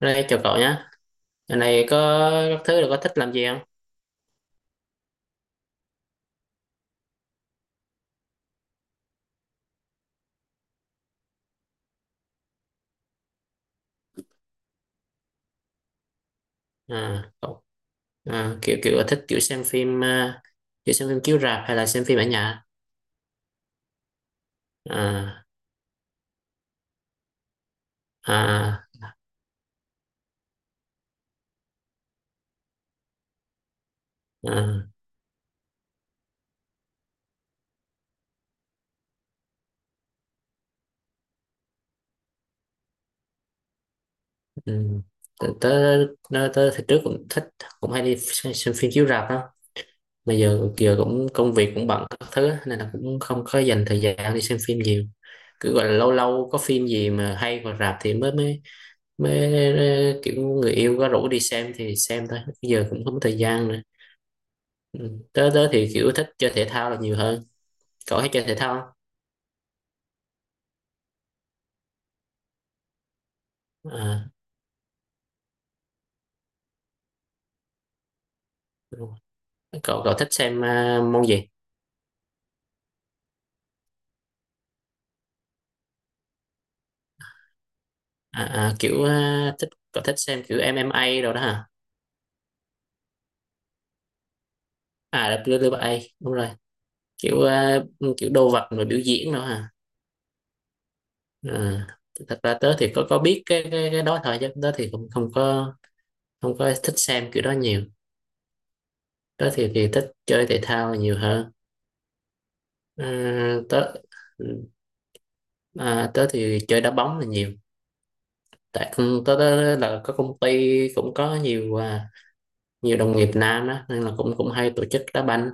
Đây chào cậu nhé. Giờ này có các thứ là có thích làm gì không? À, cậu kiểu kiểu có thích kiểu xem phim à, kiểu xem phim chiếu rạp hay là xem phim ở nhà? À, à, à, ừ. Tớ, tớ, tớ thì trước cũng thích cũng hay đi xem phim chiếu rạp đó. Bây giờ giờ cũng công việc cũng bận các thứ á, nên là cũng không có dành thời gian đi xem phim nhiều. Cứ gọi là lâu lâu có phim gì mà hay vào rạp thì mới mới mới ờ, kiểu người yêu có rủ đi xem thì xem thôi. Bây giờ cũng không có thời gian nữa. Ừ. Tớ tớ thì kiểu thích chơi thể thao là nhiều hơn. Cậu hay chơi thể thao không? À, đúng rồi. Cậu cậu thích xem môn gì? À, à, kiểu à, thích cậu thích xem kiểu MMA rồi đó hả? À, WWE đúng rồi. Kiểu à, kiểu đồ vật rồi biểu diễn đó hả? À, thật ra tớ thì có biết cái đó thôi chứ tớ thì cũng không có thích xem kiểu đó nhiều. Tớ thì thích chơi thể thao là nhiều hơn. À, tớ ừ, à, tớ thì chơi đá bóng là nhiều. Tới đó là có công ty cũng có nhiều nhiều đồng nghiệp nam đó nên là cũng cũng hay tổ chức đá banh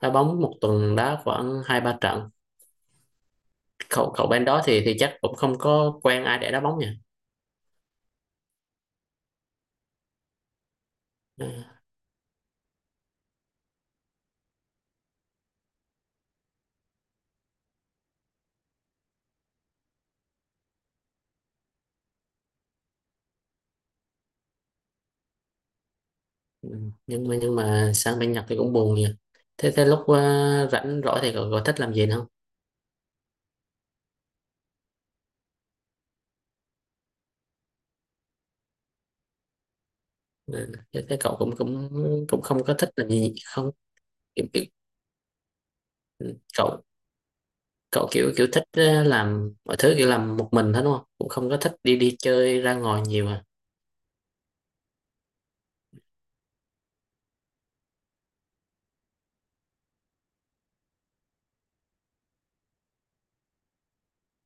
đá bóng một tuần đá khoảng hai ba trận. Cậu cậu bên đó thì chắc cũng không có quen ai để đá bóng nhỉ? À, ừ. Nhưng mà sang bên Nhật thì cũng buồn nhỉ. Thế thế lúc rảnh rỗi thì cậu thích làm gì không? Ừ, thế cậu cũng cũng cũng không có thích làm gì không? Kiểu, kiểu, cậu cậu kiểu kiểu thích làm mọi thứ kiểu làm một mình hết đúng không, cũng không có thích đi đi chơi ra ngoài nhiều à?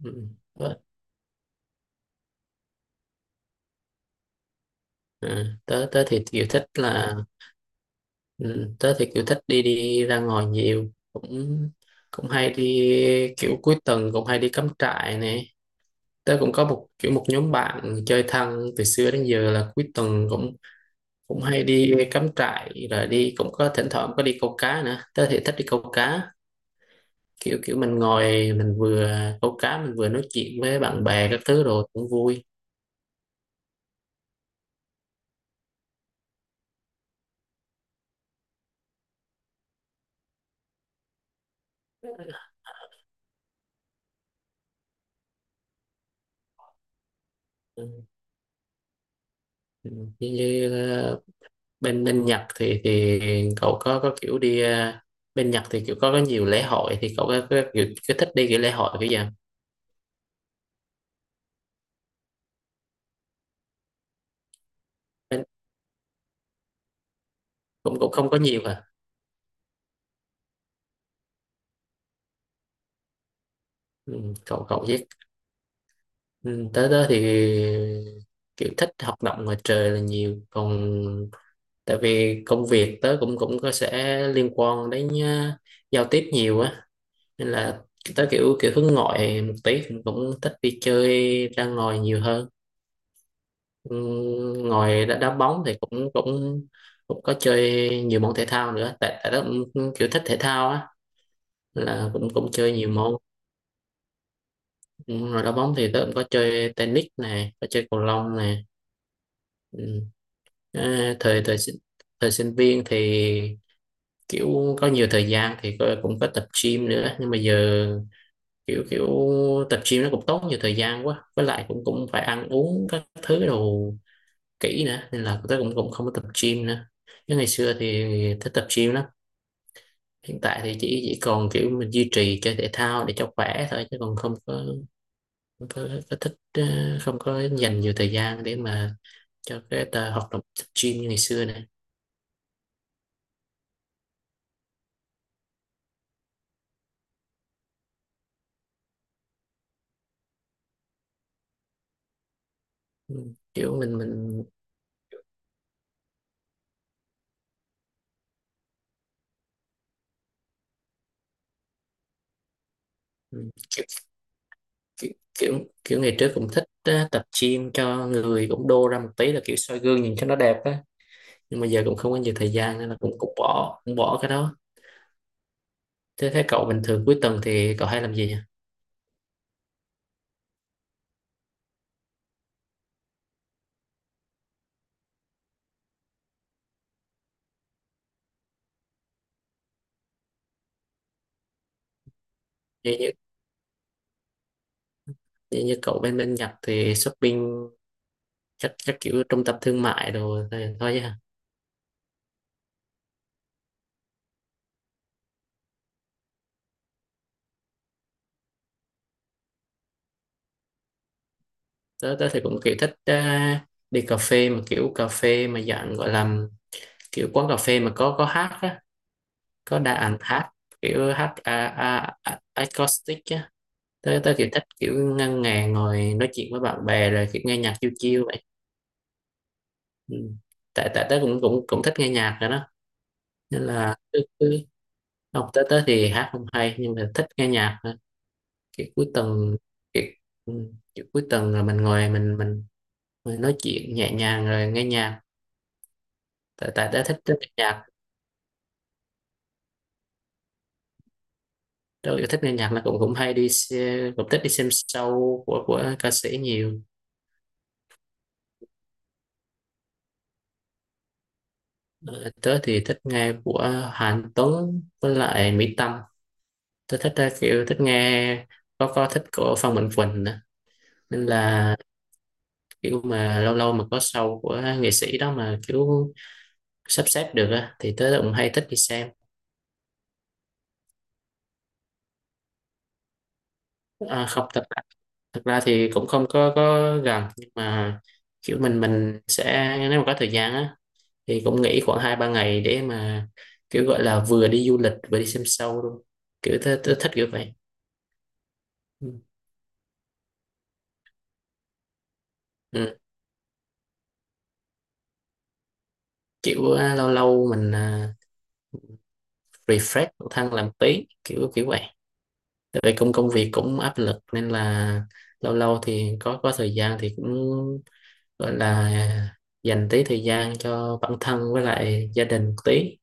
Ừ. Ờ. À, tớ tớ thì kiểu thích là ừ, tớ thì kiểu thích đi đi ra ngoài nhiều, cũng cũng hay đi kiểu cuối tuần cũng hay đi cắm trại nè. Tớ cũng có một kiểu một nhóm bạn chơi thân từ xưa đến giờ là cuối tuần cũng cũng hay đi cắm trại rồi đi cũng có thỉnh thoảng có đi câu cá nữa, tớ thì thích đi câu cá. Kiểu kiểu mình ngồi mình vừa câu cá mình vừa nói chuyện với bạn bè các thứ rồi cũng vui. Ừ, ừ, như bên bên Nhật thì cậu có kiểu đi bên Nhật thì kiểu có nhiều lễ hội thì cậu có kiểu có thích đi cái lễ hội cái gì không? bên, cũng cũng không có nhiều à. Ừ, cậu cậu biết. Ừ, tới đó thì kiểu thích hoạt động ngoài trời là nhiều, còn tại vì công việc tớ cũng cũng có sẽ liên quan đến giao tiếp nhiều á, nên là tớ kiểu kiểu hướng ngoại một tí cũng cũng thích đi chơi ra ngoài nhiều hơn. Ừ, ngoài đá bóng thì cũng cũng cũng có chơi nhiều môn thể thao nữa, tại tại đó cũng kiểu thích thể thao á, là cũng cũng chơi nhiều môn. Ừ, rồi đá bóng thì tớ cũng có chơi tennis này, có chơi cầu lông này. Ừ. À, thời thời sinh viên thì kiểu có nhiều thời gian thì cũng có tập gym nữa, nhưng mà giờ kiểu kiểu tập gym nó cũng tốn nhiều thời gian quá, với lại cũng cũng phải ăn uống các thứ đồ kỹ nữa nên là tớ cũng cũng không có tập gym nữa, chứ ngày xưa thì thích tập gym lắm. Hiện tại thì chỉ còn kiểu mình duy trì chơi thể thao để cho khỏe thôi, chứ còn không có không có, có thích ờ, không có dành nhiều thời gian để mà cho cái tờ hoạt động tập gym như ngày xưa này. Ừ, kiểu mình ừ, kiểu, kiểu, kiểu kiểu ngày trước cũng thích tập gym cho người cũng đô ra một tí là kiểu soi gương nhìn cho nó đẹp á, nhưng mà giờ cũng không có nhiều thời gian nên là cũng cũng bỏ cái đó. Thế thế cậu bình thường cuối tuần thì cậu hay làm gì nhỉ? Như như, như, như cậu bên bên Nhật thì shopping chắc chắc kiểu trung tâm thương mại đồ thì thôi ha. Tớ tớ thì cũng kiểu thích đi cà phê, mà kiểu cà phê mà dạng gọi là kiểu quán cà phê mà có hát á, có đa ảnh hát kiểu hát acoustic á. Tớ tớ kiểu thích kiểu ngân nga ngồi nói chuyện với bạn bè rồi kiểu nghe nhạc chiêu chiêu vậy. Ừ, tại tại tớ cũng cũng cũng thích nghe nhạc rồi đó, nên là cứ không. Tớ tớ thì hát không hay nhưng mà thích nghe nhạc kiểu cuối tuần kiểu, ừ, kiểu cuối tuần rồi mình ngồi mình nói chuyện nhẹ nhàng rồi nghe nhạc. Tại tại đã thích thích nghe nhạc, tôi yêu thích nghe nhạc là cũng cũng hay cũng thích đi xem show của ca sĩ nhiều. Ờ, tớ thì thích nghe của Hàn Tuấn với lại Mỹ Tâm. Tớ thích kiểu thích nghe có thích của Phan Mạnh Quỳnh nữa, nên là kiểu mà lâu lâu mà có show của nghệ sĩ đó mà kiểu sắp xếp được á, thì tớ cũng hay thích đi xem. À, không, thực ra thì cũng không có gần, nhưng mà kiểu mình sẽ nếu mà có thời gian á thì cũng nghỉ khoảng hai ba ngày để mà kiểu gọi là vừa đi du lịch vừa đi xem show luôn. Kiểu thích kiểu vậy. Ừ. Ừ. Lâu lâu mình refresh bản thân làm tí kiểu kiểu vậy, tại vì công công việc cũng áp lực nên là lâu lâu thì có thời gian thì cũng gọi là dành tí thời gian cho bản thân với lại gia đình tí.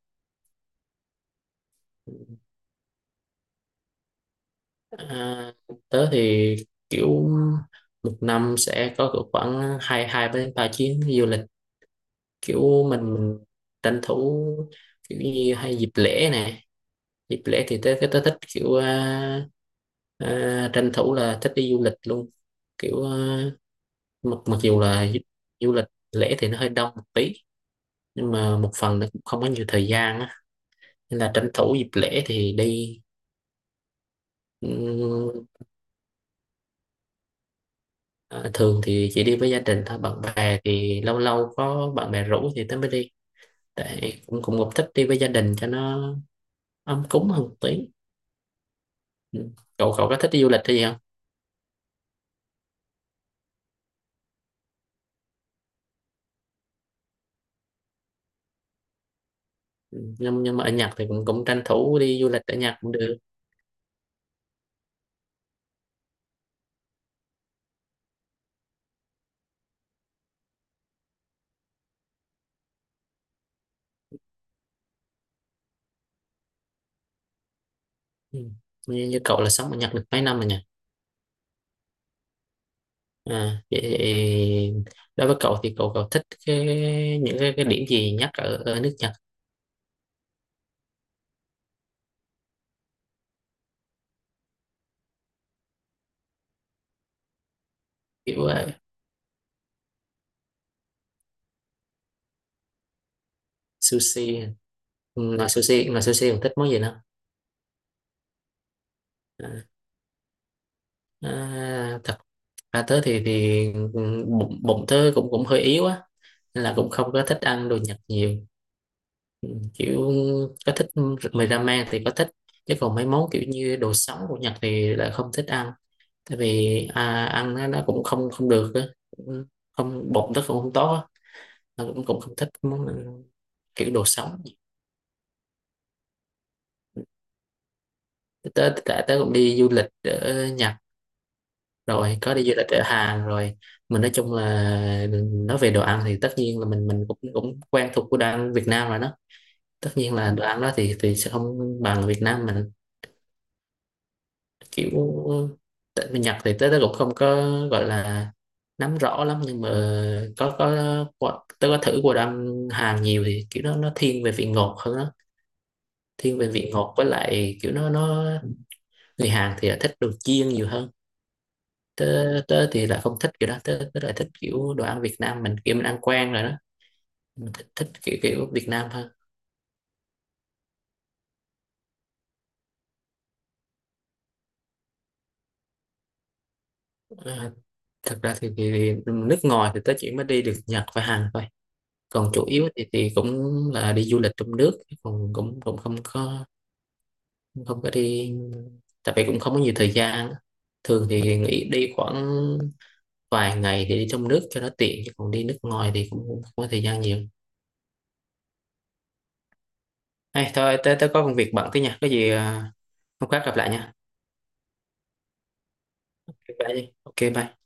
À, tớ thì kiểu một năm sẽ có cỡ khoảng hai hai đến ba chuyến du lịch. Kiểu mình tranh thủ kiểu như hay dịp lễ nè, dịp lễ thì tớ tớ thích kiểu tranh thủ là thích đi du lịch luôn. Kiểu mặc mặc dù là du lịch lễ thì nó hơi đông một tí, nhưng mà một phần nó cũng không có nhiều thời gian á, nên là tranh thủ dịp lễ thì đi. Ờ, thường thì chỉ đi với gia đình thôi, bạn bè thì lâu lâu có bạn bè rủ thì tớ mới đi, tại cũng cũng cũng thích đi với gia đình cho nó ấm cúng hơn một tí. Ừ, cậu cậu có thích đi du lịch hay gì không? Ừ, nhưng mà ở Nhật thì cũng cũng tranh thủ đi du lịch ở Nhật cũng được. Ừ, như cậu là sống ở Nhật được mấy năm rồi nhỉ? À, vậy thì đối với cậu thì cậu cậu thích cái điểm gì nhất ở ở nước Nhật? Kiểu sushi. Ừ, mà sushi còn thích món gì nữa? À, à, thật ra tớ thì ừ, bụng tớ cũng cũng hơi yếu á nên là cũng không có thích ăn đồ Nhật nhiều. Ừ, kiểu có thích mì ramen thì có thích, chứ còn mấy món kiểu như đồ sống của Nhật thì lại không thích ăn, tại vì ăn nó cũng không không được á. Ừ, không, bụng tớ cũng không tốt á. Tớ cũng cũng không thích món kiểu đồ sống. Tớ tớ, tớ cũng đi du lịch ở Nhật rồi, có đi du lịch ở Hàn rồi. Mình nói chung là, nói về đồ ăn thì tất nhiên là mình cũng cũng quen thuộc của đồ ăn Việt Nam rồi đó, tất nhiên là đồ ăn đó thì sẽ không bằng Việt Nam mình. Kiểu tại bên Nhật thì tới đó cũng không có gọi là nắm rõ lắm, nhưng mà có có tớ có thử qua đồ ăn Hàn nhiều thì kiểu nó thiên về vị ngọt hơn đó, thiên về vị ngọt với lại kiểu nó người Hàn thì thích đồ chiên nhiều hơn. Tớ, tớ thì lại không thích kiểu đó, tớ lại thích kiểu đồ ăn Việt Nam mình, kiểu mình ăn quen rồi đó, mình thích kiểu kiểu Việt Nam hơn. Ờ, thật ra thì nước ngoài thì tớ chỉ mới đi được Nhật và Hàn thôi, còn chủ yếu thì cũng là đi du lịch trong nước, còn cũng cũng không có, không có đi, tại vì cũng không có nhiều thời gian á. Thường thì nghỉ đi khoảng vài ngày để đi trong nước cho nó tiện, chứ còn đi nước ngoài thì cũng không có thời gian nhiều. Hay thôi, tớ tớ có công việc bận tí nha, có gì hôm khác gặp lại nha. Bye đi, ok bye.